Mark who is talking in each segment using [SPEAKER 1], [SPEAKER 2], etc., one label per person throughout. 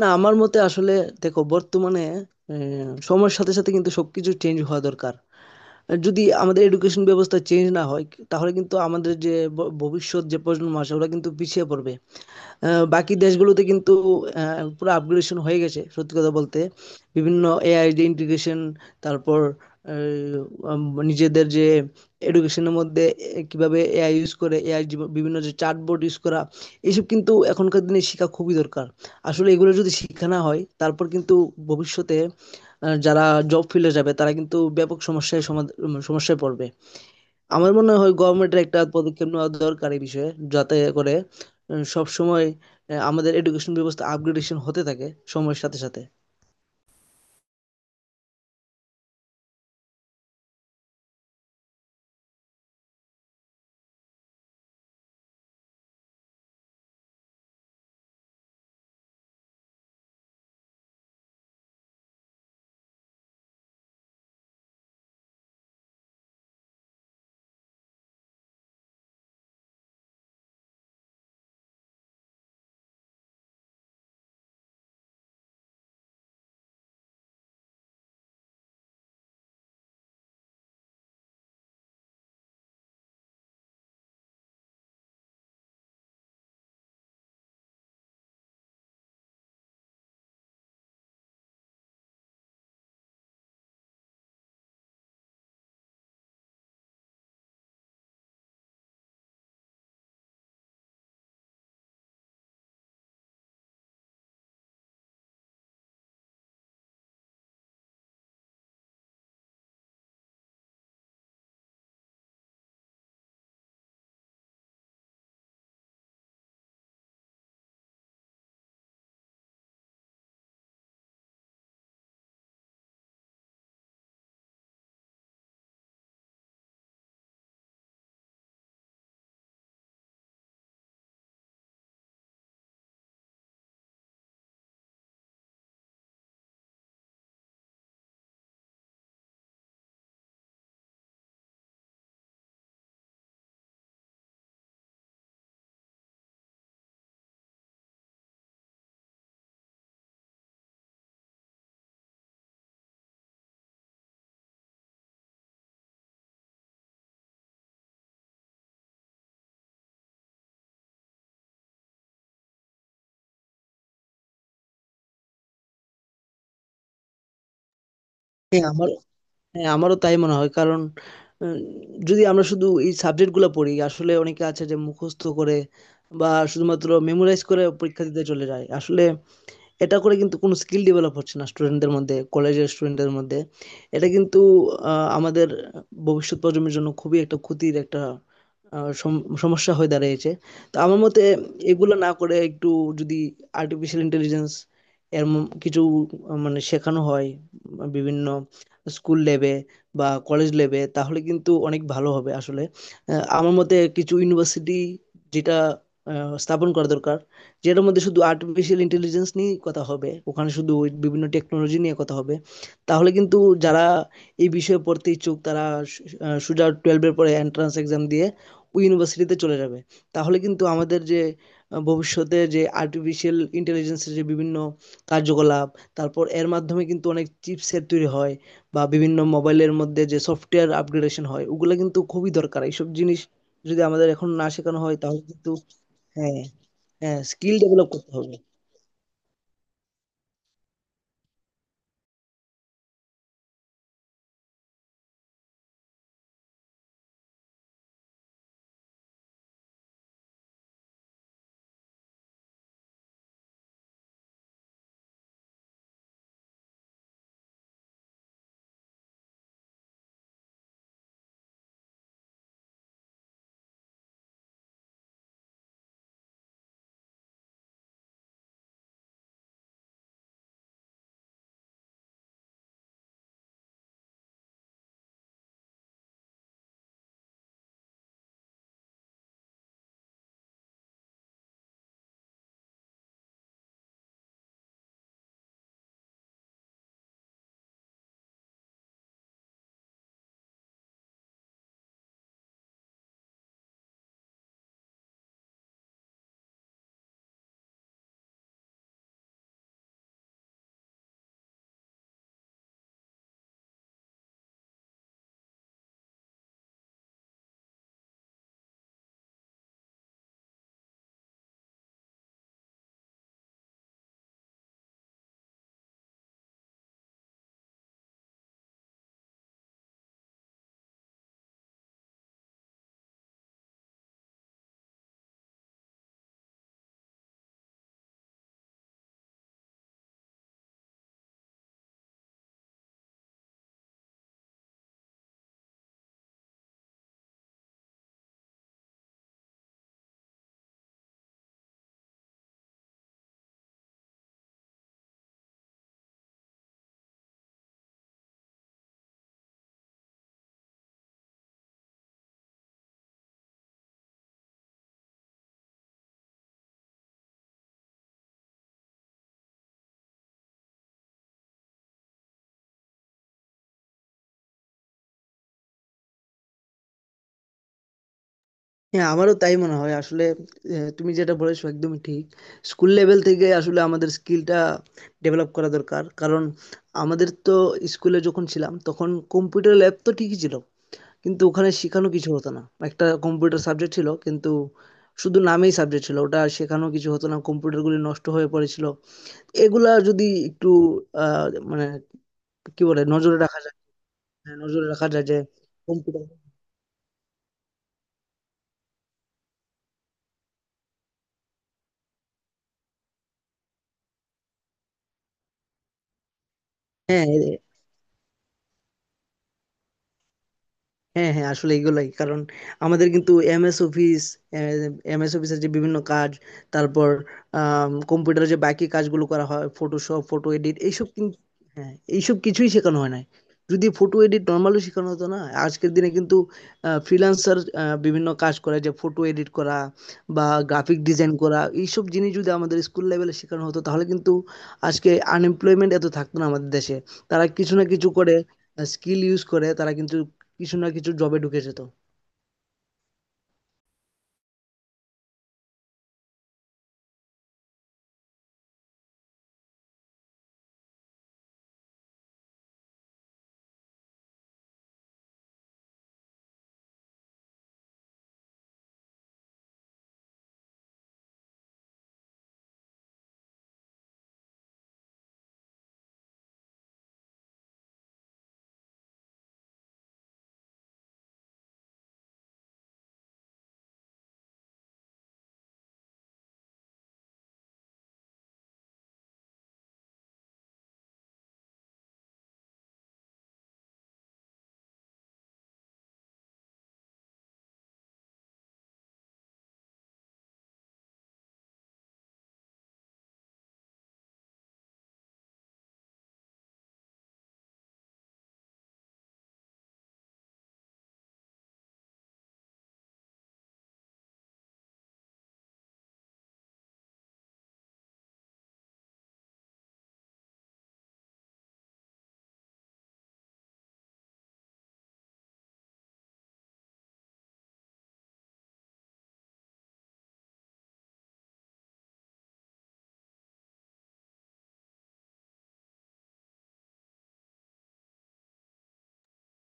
[SPEAKER 1] না আমার মতে আসলে দেখো বর্তমানে সময়ের সাথে সাথে কিন্তু সবকিছু চেঞ্জ হওয়া দরকার। আর যদি আমাদের এডুকেশন ব্যবস্থা চেঞ্জ না হয়, তাহলে কিন্তু আমাদের যে ভবিষ্যৎ যে প্রজন্ম আসে ওরা কিন্তু পিছিয়ে পড়বে। বাকি দেশগুলোতে কিন্তু পুরো আপগ্রেডেশন হয়ে গেছে সত্যি কথা বলতে। বিভিন্ন এআই যে ইন্টিগ্রেশন, তারপর আহ, উম, নিজেদের যে এডুকেশনের মধ্যে কিভাবে এআই ইউজ করে, এআই বিভিন্ন যে চার্টবোর্ড ইউজ করা, এইসব কিন্তু এখনকার দিনে শেখা খুবই দরকার। আসলে এগুলো যদি শিক্ষা না হয় তারপর কিন্তু ভবিষ্যতে যারা জব ফিল্ডে যাবে তারা কিন্তু ব্যাপক সমস্যায় সমস্যায় পড়বে। আমার মনে হয় গভর্নমেন্টের একটা পদক্ষেপ নেওয়া দরকার এই বিষয়ে, যাতে করে সব সময় আমাদের এডুকেশন ব্যবস্থা আপগ্রেডেশন হতে থাকে সময়ের সাথে সাথে। হ্যাঁ, হ্যাঁ, আমারও তাই মনে হয়। কারণ উম, যদি আমরা শুধু এই সাবজেক্টগুলো পড়ি, আসলে অনেকে আছে যে মুখস্থ করে বা শুধুমাত্র মেমোরাইজ করে পরীক্ষা দিতে চলে যায়। আসলে এটা করে কিন্তু কোনো স্কিল ডেভেলপ হচ্ছে না স্টুডেন্টদের মধ্যে, কলেজের স্টুডেন্টদের মধ্যে। এটা কিন্তু আমাদের ভবিষ্যৎ প্রজন্মের জন্য খুবই একটা ক্ষতির একটা সমস্যা হয়ে দাঁড়িয়েছে। তো আমার মতে এগুলো না করে একটু যদি আর্টিফিশিয়াল ইন্টেলিজেন্স এর কিছু মানে শেখানো হয় বিভিন্ন স্কুল লেভে বা কলেজ লেভে, তাহলে কিন্তু অনেক ভালো হবে আসলে। আমার মতে কিছু ইউনিভার্সিটি যেটা স্থাপন করা দরকার, যেটার মধ্যে শুধু আর্টিফিশিয়াল ইন্টেলিজেন্স নিয়েই কথা হবে, ওখানে শুধু ওই বিভিন্ন টেকনোলজি নিয়ে কথা হবে। তাহলে কিন্তু যারা এই বিষয়ে পড়তে ইচ্ছুক তারা সোজা টুয়েলভের পরে এন্ট্রান্স এক্সাম দিয়ে ওই ইউনিভার্সিটিতে চলে যাবে। তাহলে কিন্তু আমাদের যে ভবিষ্যতে যে আর্টিফিশিয়াল ইন্টেলিজেন্সের যে বিভিন্ন কার্যকলাপ, তারপর এর মাধ্যমে কিন্তু অনেক চিপসেট তৈরি হয় বা বিভিন্ন মোবাইলের মধ্যে যে সফটওয়্যার আপগ্রেডেশন হয়, ওগুলো কিন্তু খুবই দরকার এইসব জিনিস যদি আমাদের এখন না শেখানো হয় তাহলে কিন্তু। হ্যাঁ, হ্যাঁ স্কিল ডেভেলপ করতে হবে। হ্যাঁ, আমারও তাই মনে হয় আসলে। তুমি যেটা বলেছো একদমই ঠিক। স্কুল লেভেল থেকে আসলে আমাদের স্কিলটা ডেভেলপ করা দরকার, কারণ আমাদের তো স্কুলে যখন ছিলাম তখন কম্পিউটার ল্যাব তো ঠিকই ছিল, কিন্তু ওখানে শেখানো কিছু হতো না। একটা কম্পিউটার সাবজেক্ট ছিল, কিন্তু শুধু নামেই সাবজেক্ট ছিল, ওটা শেখানো কিছু হতো না, কম্পিউটারগুলি নষ্ট হয়ে পড়েছিল। এগুলা যদি একটু আহ, মানে কি বলে, নজরে রাখা যায়। হ্যাঁ, নজরে রাখা যায় যে কম্পিউটার। হ্যাঁ হ্যাঁ হ্যাঁ আসলে এগুলাই কারণ। আমাদের কিন্তু এমএস অফিসের যে বিভিন্ন কাজ, তারপর কম্পিউটারে যে বাকি কাজগুলো করা হয়, ফটোশপ, ফটো এডিট, এইসব কিন্তু হ্যাঁ এইসব কিছুই শেখানো হয় না। যদি ফটো এডিট নর্মালি শেখানো হতো না, আজকের দিনে কিন্তু ফ্রিল্যান্সার বিভিন্ন কাজ করে যে ফটো এডিট করা বা গ্রাফিক ডিজাইন করা, এইসব জিনিস যদি আমাদের স্কুল লেভেলে শেখানো হতো তাহলে কিন্তু আজকে আনএমপ্লয়মেন্ট এত থাকতো না আমাদের দেশে। তারা কিছু না কিছু করে স্কিল ইউজ করে, তারা কিন্তু কিছু না কিছু জবে ঢুকেছে তো।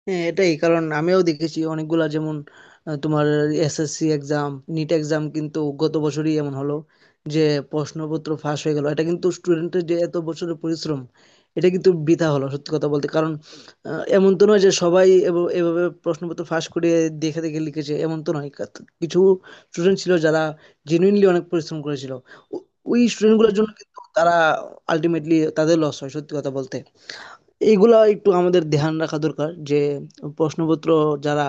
[SPEAKER 1] হ্যাঁ, এটাই কারণ, আমিও দেখেছি অনেকগুলা, যেমন তোমার এসএসসি এক্সাম, নিট এক্সাম কিন্তু গত বছরই এমন হলো যে প্রশ্নপত্র ফাঁস হয়ে গেল। এটা কিন্তু স্টুডেন্টের যে এত বছরের পরিশ্রম, এটা কিন্তু বৃথা হলো সত্যি কথা বলতে। কারণ এমন তো নয় যে সবাই এভাবে প্রশ্নপত্র ফাঁস করে দেখে দেখে লিখেছে, এমন তো নয়। কিছু স্টুডেন্ট ছিল যারা জেনুইনলি অনেক পরিশ্রম করেছিল। ও- ওই স্টুডেন্টগুলোর জন্য কিন্তু তারা, আলটিমেটলি তাদের লস হয় সত্যি কথা বলতে। এগুলা একটু আমাদের ধ্যান রাখা দরকার যে প্রশ্নপত্র যারা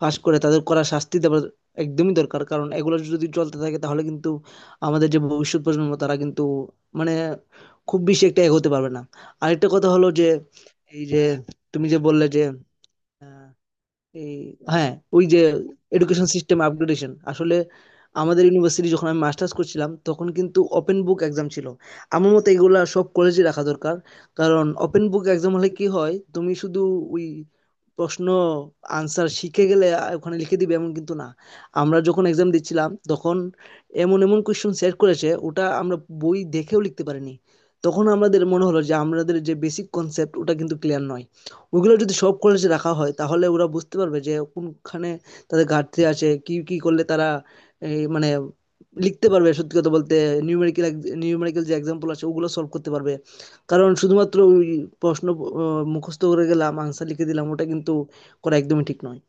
[SPEAKER 1] পাস করে তাদের কড়া শাস্তি দেওয়া একদমই দরকার। কারণ এগুলো যদি চলতে থাকে তাহলে কিন্তু আমাদের যে ভবিষ্যৎ প্রজন্ম তারা কিন্তু মানে খুব বেশি একটা এগোতে পারবে না। আরেকটা কথা হলো যে এই যে তুমি যে বললে যে আহ, এই হ্যাঁ, ওই যে এডুকেশন সিস্টেম আপগ্রেডেশন আসলে আমাদের ইউনিভার্সিটি যখন আমি মাস্টার্স করছিলাম তখন কিন্তু ওপেন বুক এক্সাম ছিল। আমার মতে এগুলা সব কলেজে রাখা দরকার। কারণ ওপেন বুক এক্সাম হলে কি হয়, তুমি শুধু ওই প্রশ্ন আনসার শিখে গেলে ওখানে লিখে দিবে, এমন কিন্তু না। আমরা যখন এক্সাম দিচ্ছিলাম তখন এমন এমন কোয়েশ্চন সেট করেছে, ওটা আমরা বই দেখেও লিখতে পারিনি। তখন আমাদের মনে হলো যে আমাদের যে বেসিক কনসেপ্ট ওটা কিন্তু ক্লিয়ার নয়। ওগুলো যদি সব কলেজে রাখা হয় তাহলে ওরা বুঝতে পারবে যে কোনখানে তাদের ঘাটতি আছে, কি কি করলে তারা এই মানে লিখতে পারবে সত্যি কথা বলতে। নিউমেরিক্যাল নিউমেরিক্যাল যে এক্সাম্পল আছে ওগুলো সলভ করতে পারবে। কারণ শুধুমাত্র ওই প্রশ্ন মুখস্থ করে গেলাম আনসার লিখে দিলাম ওটা কিন্তু করা একদমই ঠিক নয়।